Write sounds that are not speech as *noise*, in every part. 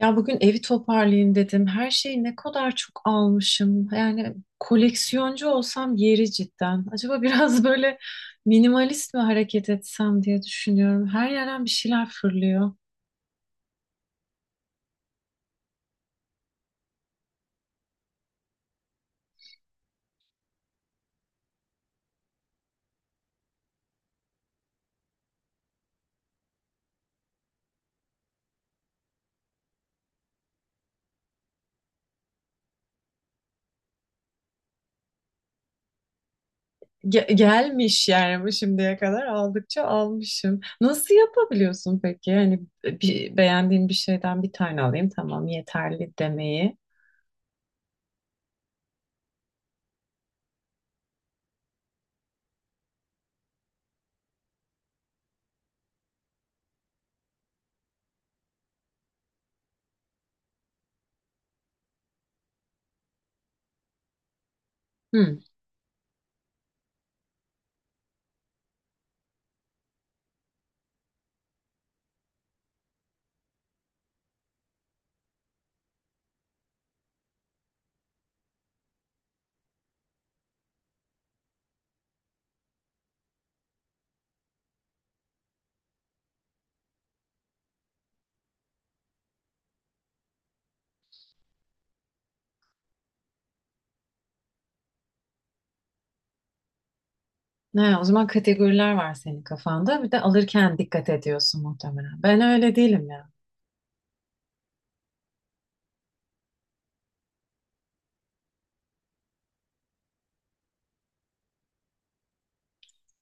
Ya bugün evi toparlayayım dedim. Her şeyi ne kadar çok almışım. Yani koleksiyoncu olsam yeri cidden. Acaba biraz *laughs* böyle minimalist mi hareket etsem diye düşünüyorum. Her yerden bir şeyler fırlıyor. Gelmiş yani bu şimdiye kadar aldıkça almışım. Nasıl yapabiliyorsun peki? Yani bir, beğendiğin bir şeyden bir tane alayım tamam yeterli demeyi. Hmm. Ne, o zaman kategoriler var senin kafanda. Bir de alırken dikkat ediyorsun muhtemelen. Ben öyle değilim ya.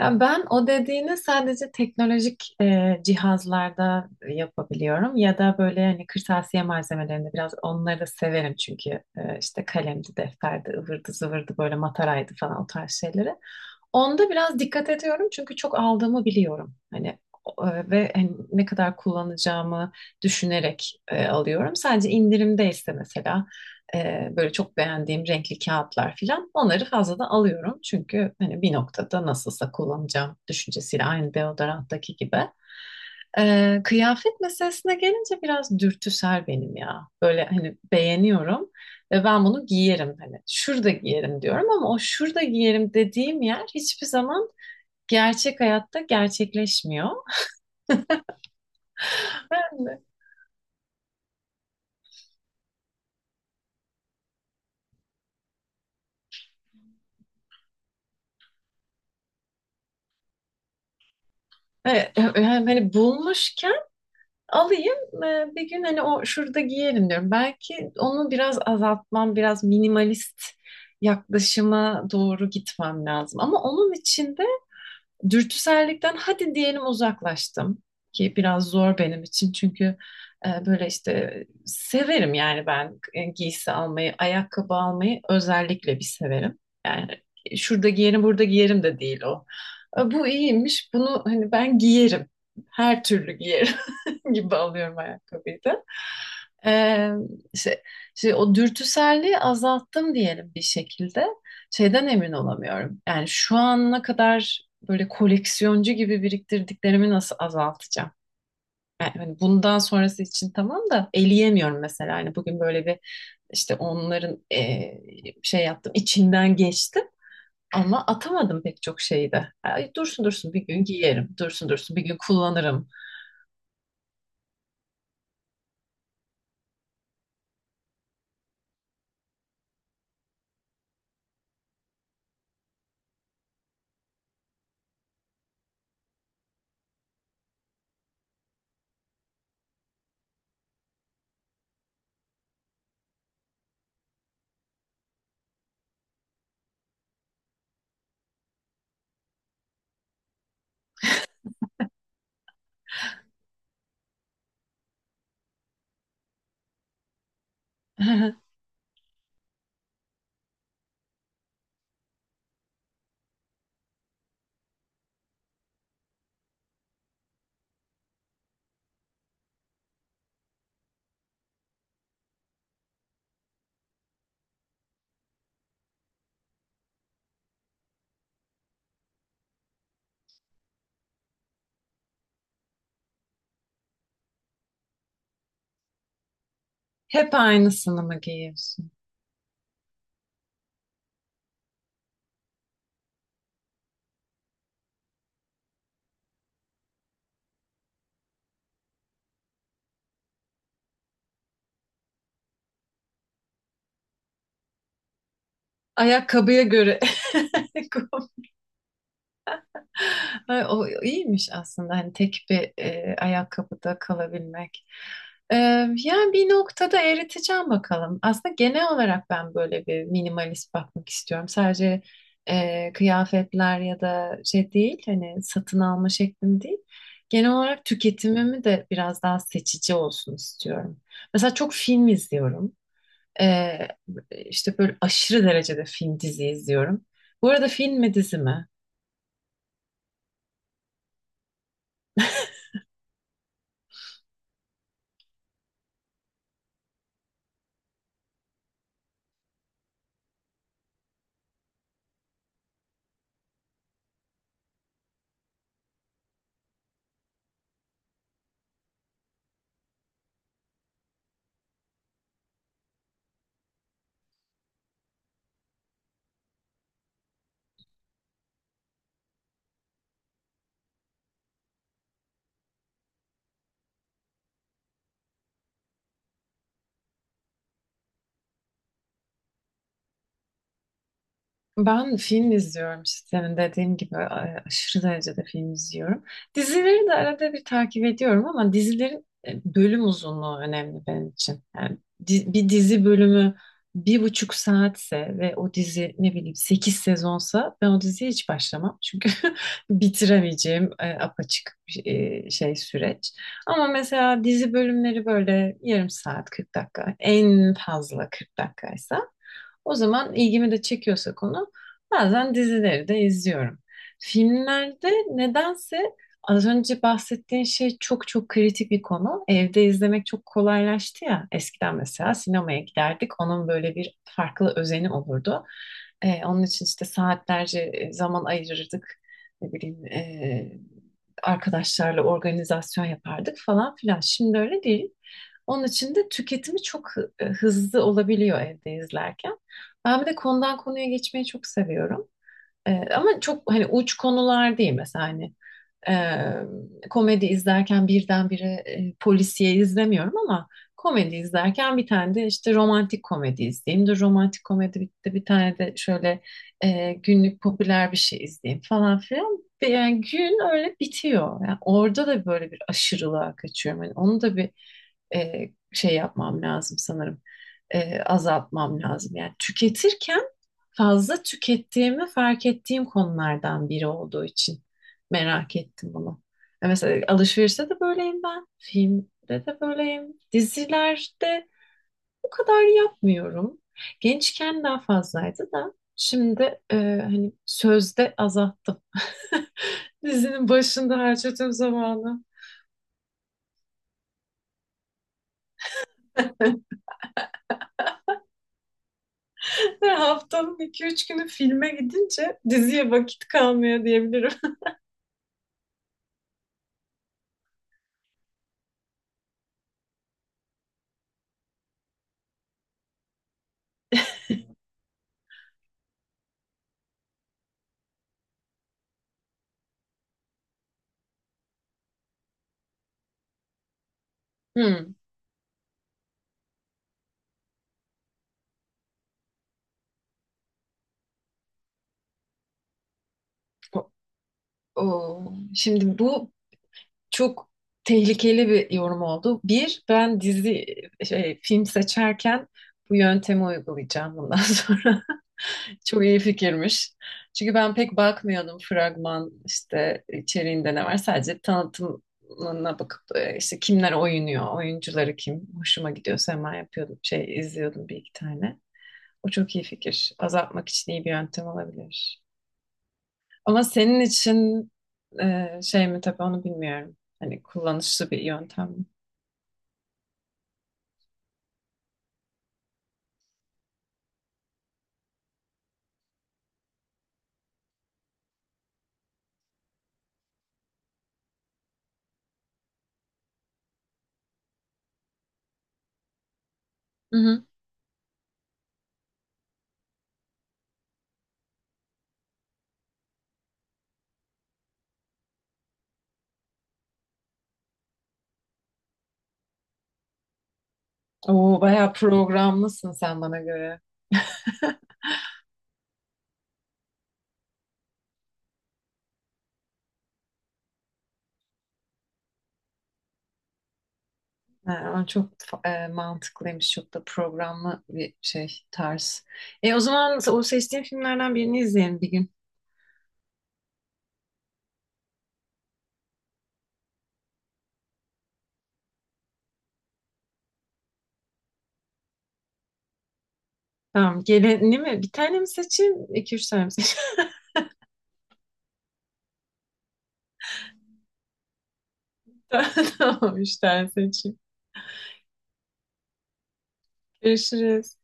Ya ben o dediğini sadece teknolojik cihazlarda yapabiliyorum ya da böyle hani kırtasiye malzemelerinde biraz onları da severim çünkü işte kalemdi, defterdi, ıvırdı zıvırdı böyle mataraydı falan o tarz şeyleri. Onda biraz dikkat ediyorum çünkü çok aldığımı biliyorum. Hani ve hani ne kadar kullanacağımı düşünerek alıyorum. Sadece indirimdeyse mesela böyle çok beğendiğim renkli kağıtlar filan onları fazladan alıyorum. Çünkü hani bir noktada nasılsa kullanacağım düşüncesiyle aynı deodoranttaki gibi. Kıyafet meselesine gelince biraz dürtüsel benim ya. Böyle hani beğeniyorum ve ben bunu giyerim hani şurada giyerim diyorum ama o şurada giyerim dediğim yer hiçbir zaman gerçek hayatta gerçekleşmiyor. Ben de, e, hani bulmuşken alayım, bir gün hani o şurada giyerim diyorum. Belki onu biraz azaltmam, biraz minimalist yaklaşıma doğru gitmem lazım. Ama onun için de dürtüsellikten hadi diyelim uzaklaştım ki biraz zor benim için çünkü böyle işte severim yani ben, giysi almayı, ayakkabı almayı özellikle bir severim. Yani şurada giyerim, burada giyerim de değil o. Bu iyiymiş. Bunu hani ben giyerim. Her türlü giyerim. *laughs* gibi alıyorum ayakkabıyı da. Ee, şey, O dürtüselliği azalttım diyelim bir şekilde. Şeyden emin olamıyorum. Yani şu ana kadar böyle koleksiyoncu gibi biriktirdiklerimi nasıl azaltacağım? Yani hani bundan sonrası için tamam da eleyemiyorum mesela. Hani bugün böyle bir işte onların şey yaptım, içinden geçtim. Ama atamadım pek çok şeyi de. Ay, dursun dursun bir gün giyerim, dursun dursun bir gün kullanırım. *laughs* Hep aynısını mı giyiyorsun? Ayakkabıya göre. *laughs* Kom- Ay, o iyiymiş aslında hani tek bir ayakkabıda kalabilmek. E, Yani bir noktada eriteceğim bakalım. Aslında genel olarak ben böyle bir minimalist bakmak istiyorum. Sadece kıyafetler ya da şey değil, hani satın alma şeklim değil. Genel olarak tüketimimi de biraz daha seçici olsun istiyorum. Mesela çok film izliyorum. Ee, işte böyle aşırı derecede film dizi izliyorum. Bu arada film mi dizi mi? *laughs* Ben film izliyorum işte senin dediğin gibi, aşırı derecede film izliyorum. Dizileri de arada bir takip ediyorum ama dizilerin bölüm uzunluğu önemli benim için. Yani bir dizi bölümü bir buçuk saatse ve o dizi ne bileyim sekiz sezonsa ben o diziye hiç başlamam. Çünkü *laughs* bitiremeyeceğim apaçık bir şey süreç. Ama mesela dizi bölümleri böyle yarım saat 40 dakika en fazla 40 dakikaysa, o zaman ilgimi de çekiyorsa konu, bazen dizileri de izliyorum. Filmlerde nedense az önce bahsettiğin şey çok çok kritik bir konu. Evde izlemek çok kolaylaştı ya. Eskiden mesela sinemaya giderdik. Onun böyle bir farklı özeni olurdu. Onun için işte saatlerce zaman ayırırdık. Ne bileyim, arkadaşlarla organizasyon yapardık falan filan. Şimdi öyle değil. Onun için de tüketimi çok hızlı olabiliyor evde izlerken. Ben bir de konudan konuya geçmeyi çok seviyorum. Ama çok hani uç konular değil mesela, hani komedi izlerken birdenbire polisiye izlemiyorum ama komedi izlerken bir tane de işte romantik komedi izleyeyim de romantik komedi bitti bir tane de şöyle günlük popüler bir şey izleyeyim falan filan. Ve yani gün öyle bitiyor. Yani orada da böyle bir aşırılığa kaçıyorum. Yani onu da bir e, şey yapmam lazım sanırım. Azaltmam lazım. Yani tüketirken fazla tükettiğimi fark ettiğim konulardan biri olduğu için merak ettim bunu. Ya mesela alışverişte de böyleyim ben. Filmde de böyleyim. Dizilerde bu kadar yapmıyorum. Gençken daha fazlaydı da şimdi, hani sözde azalttım. Dizinin başında harcadığım zamanı. Ve haftanın iki üç günü filme gidince diziye vakit kalmıyor diyebilirim. *laughs* Hmm. O- Şimdi bu çok tehlikeli bir yorum oldu. Bir, ben film seçerken bu yöntemi uygulayacağım bundan *laughs* sonra. Çok iyi fikirmiş. Çünkü ben pek bakmıyordum fragman işte içeriğinde ne var. Sadece tanıtımına bakıp işte kimler oynuyor, oyuncuları kim, hoşuma gidiyorsa hemen yapıyordum. Şey izliyordum bir iki tane. O çok iyi fikir. Azaltmak için iyi bir yöntem olabilir. Ama senin için şey mi tabii onu bilmiyorum. Hani kullanışlı bir yöntem mi? Hı hı. Oo, bayağı programlısın sen bana göre. Ha, o çok mantıklıymış. Çok da programlı bir şey tarz. O zaman o seçtiğin filmlerden birini izleyelim bir gün. Tamam. Geleni mi? Bir tane mi seçeyim? İki üç tane mi seçeyim? *laughs* Tamam. Üç tane seçeyim. Görüşürüz.